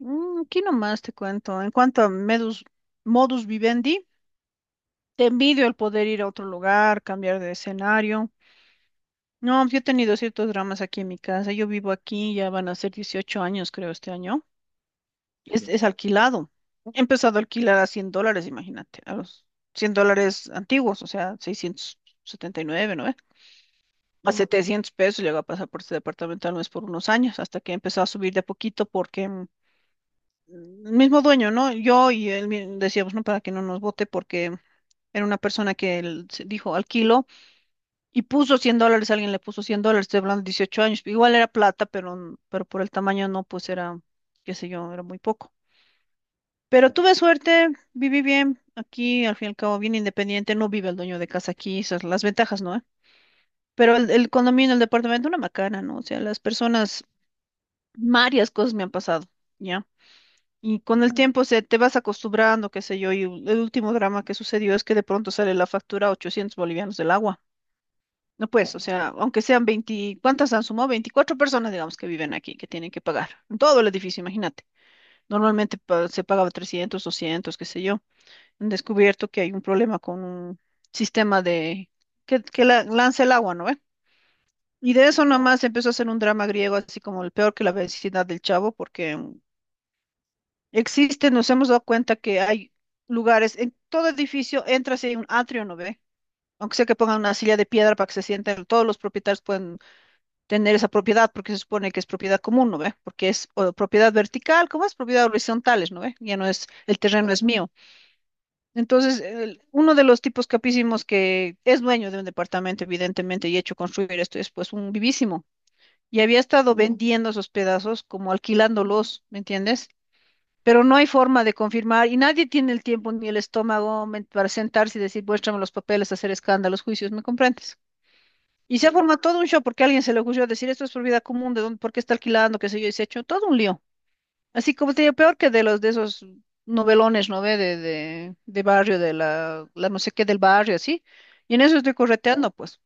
Aquí nomás te cuento. En cuanto a modus vivendi, te envidio el poder ir a otro lugar, cambiar de escenario. No, yo he tenido ciertos dramas aquí en mi casa. Yo vivo aquí, ya van a ser 18 años, creo, este año. Es alquilado. He empezado a alquilar a $100, imagínate, a los $100 antiguos, o sea, 679, ¿no? ¿Ve? A 700 pesos llegó a pasar por este departamento al mes por unos años, hasta que empezó a subir de a poquito porque mismo dueño, ¿no? Yo y él decíamos, ¿no? Para que no nos vote porque era una persona que él dijo alquilo y puso $100, alguien le puso $100, estoy hablando de 18 años, igual era plata, pero por el tamaño no, pues era, qué sé yo, era muy poco. Pero tuve suerte, viví bien aquí, al fin y al cabo, bien independiente, no vive el dueño de casa aquí, esas las ventajas, ¿no? ¿Eh? Pero el condominio, el departamento, una macana, ¿no? O sea, las personas, varias cosas me han pasado, ¿ya? Y con el tiempo te vas acostumbrando, qué sé yo, y el último drama que sucedió es que de pronto sale la factura a 800 bolivianos del agua. No pues, o sea, aunque sean 20, ¿cuántas han sumado? 24 personas, digamos, que viven aquí, que tienen que pagar. En todo el edificio, imagínate. Normalmente se pagaba 300, 200, qué sé yo. Han descubierto que hay un problema con un sistema de que lanza el agua, ¿no ve? Y de eso nomás empezó a hacer un drama griego, así como el peor que la vecindad del Chavo, porque existe, nos hemos dado cuenta que hay lugares, en todo edificio entras y hay un atrio, ¿no ve? Aunque sea que pongan una silla de piedra para que se sienten, todos los propietarios pueden tener esa propiedad porque se supone que es propiedad común, ¿no ve? Porque es o propiedad vertical, como es propiedad horizontales, ¿no ve? Ya no es, el terreno es mío. Entonces, uno de los tipos capísimos que es dueño de un departamento, evidentemente, y hecho construir esto es pues un vivísimo. Y había estado vendiendo esos pedazos como alquilándolos, ¿me entiendes? Pero no hay forma de confirmar y nadie tiene el tiempo ni el estómago para sentarse y decir, muéstrame los papeles, hacer escándalos, juicios, ¿me comprendes? Y se ha formado todo un show porque a alguien se le ocurrió decir, esto es propiedad común, ¿de dónde, por qué está alquilando, qué sé yo, y se ha hecho todo un lío. Así como te digo, peor que de los de esos novelones, ¿no ve? De barrio, de la no sé qué del barrio, así. Y en eso estoy correteando, pues.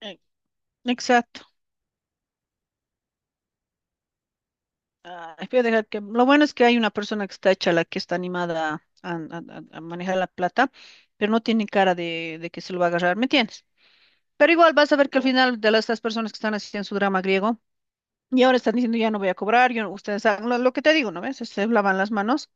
Eh, Exacto. Ah, voy dejar que, lo bueno es que hay una persona que está hecha la que está animada a manejar la plata, pero no tiene cara de que se lo va a agarrar, ¿me entiendes? Pero igual vas a ver que al final de estas personas que están haciendo su drama griego y ahora están diciendo ya no voy a cobrar, yo, no- ustedes hagan lo que te digo, ¿no ves? Se lavan las manos,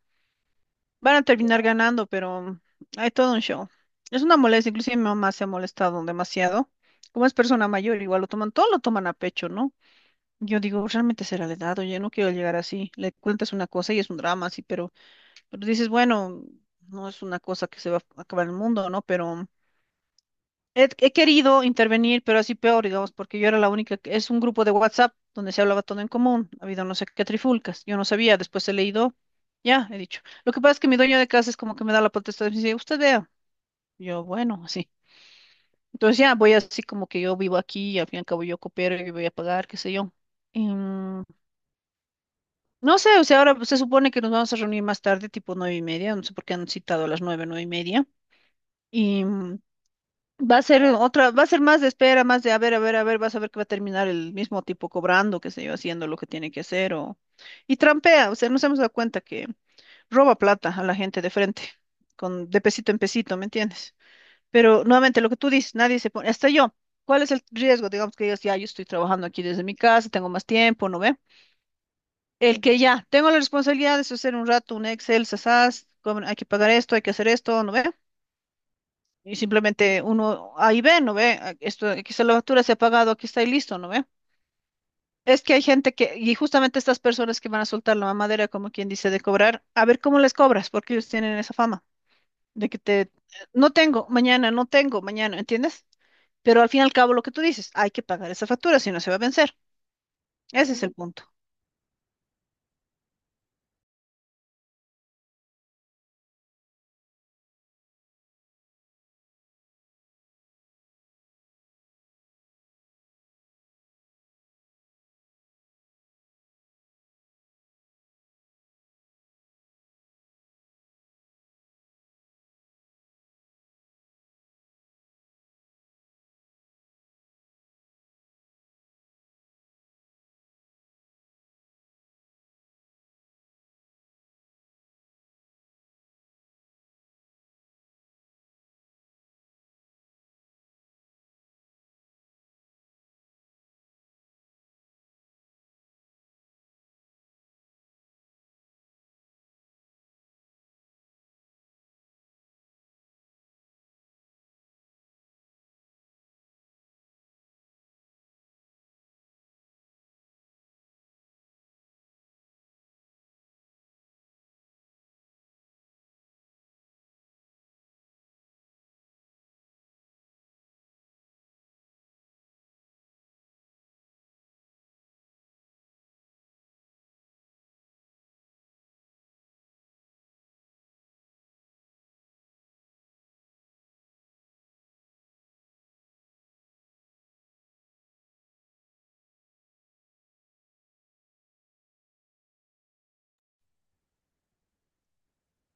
van a terminar ganando, pero hay todo un show. Es una molestia, inclusive mi mamá se ha molestado demasiado. Como es persona mayor, igual lo toman, todo lo toman a pecho, ¿no? Yo digo, realmente será la edad, oye, no quiero llegar así. Le cuentas una cosa y es un drama, sí, pero dices, bueno, no es una cosa que se va a acabar el mundo, ¿no? Pero he querido intervenir, pero así peor, digamos, porque yo era la única, es un grupo de WhatsApp donde se hablaba todo en común, ha habido no sé qué trifulcas, yo no sabía, después he leído, ya, he dicho. Lo que pasa es que mi dueño de casa es como que me da la potestad y me dice, usted vea, yo, bueno, así. Entonces ya voy así como que yo vivo aquí y al fin y al cabo yo coopero y voy a pagar, qué sé yo. Em, No sé, o sea, ahora se supone que nos vamos a reunir más tarde, tipo 9:30, no sé por qué han citado a las nueve, nueve y media. Y va a ser otra, va a ser más de espera, más de a ver, a ver, a ver, vas a ver que va a terminar el mismo tipo cobrando, qué sé yo, haciendo lo que tiene que hacer o. Y trampea, o sea, nos hemos dado cuenta que roba plata a la gente de frente, con de pesito en pesito, ¿me entiendes? Pero nuevamente lo que tú dices, nadie se pone, hasta yo. ¿Cuál es el riesgo? Digamos que digas, ya, yo estoy trabajando aquí desde mi casa, tengo más tiempo, ¿no ve? El que ya, tengo la responsabilidad de hacer un rato un Excel, sasas, hay que pagar esto, hay que hacer esto, ¿no ve? Y simplemente uno ahí ve, ¿no ve? Ah, esto, aquí está la factura, se ha pagado, aquí está y listo, ¿no ve? Es que hay gente que, y justamente estas personas que van a soltar la mamadera, como quien dice, de cobrar, a ver cómo les cobras, porque ellos tienen esa fama de que no tengo, mañana, no tengo, mañana, ¿entiendes? Pero al fin y al cabo lo que tú dices, hay que pagar esa factura, si no se va a vencer. Ese es el punto.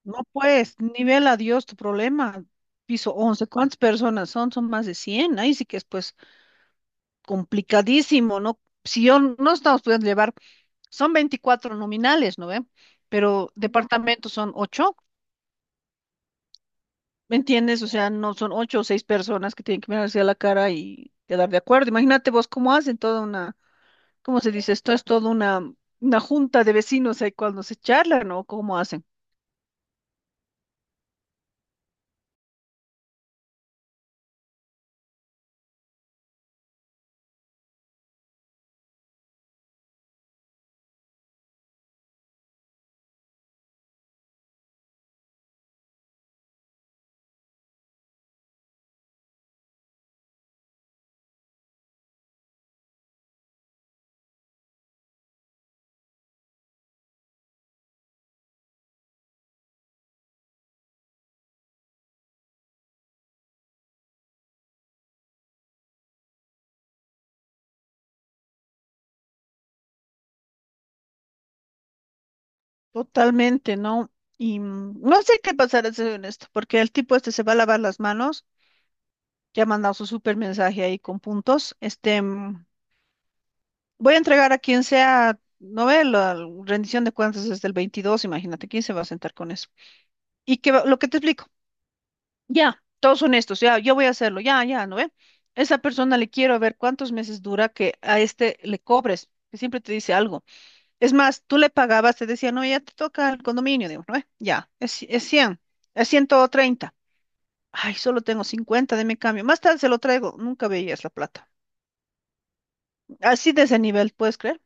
No, pues, nivel adiós tu problema. Piso 11, ¿cuántas personas son? Son más de cien. Ahí sí que es, pues, complicadísimo, ¿no? Si yo no estamos pudiendo llevar, son 24 nominales, ¿no ve? Pero departamentos son 8, ¿me entiendes? O sea, no son ocho o 6 personas que tienen que mirarse a la cara y quedar de acuerdo. Imagínate vos cómo hacen toda una, ¿cómo se dice? Esto es toda una junta de vecinos ahí cuando se charlan, ¿no? ¿Cómo hacen? Totalmente, ¿no? Y no sé qué pasará, soy honesto, porque el tipo este se va a lavar las manos, ya ha mandado su super mensaje ahí con puntos. Este, voy a entregar a quien sea, no ve la rendición de cuentas desde el 22. Imagínate, ¿quién se va a sentar con eso? Y lo que te explico, ya, todos honestos, ya, yo voy a hacerlo, ya, ya, ¿no ve? Esa persona le quiero ver cuántos meses dura que a este le cobres, que siempre te dice algo. Es más, tú le pagabas, te decía, no, ya te toca el condominio, digo, no, ya, es 100, es 130. Ay, solo tengo 50, de mi cambio. Más tarde se lo traigo, nunca veías la plata. Así de ese nivel, ¿puedes creer?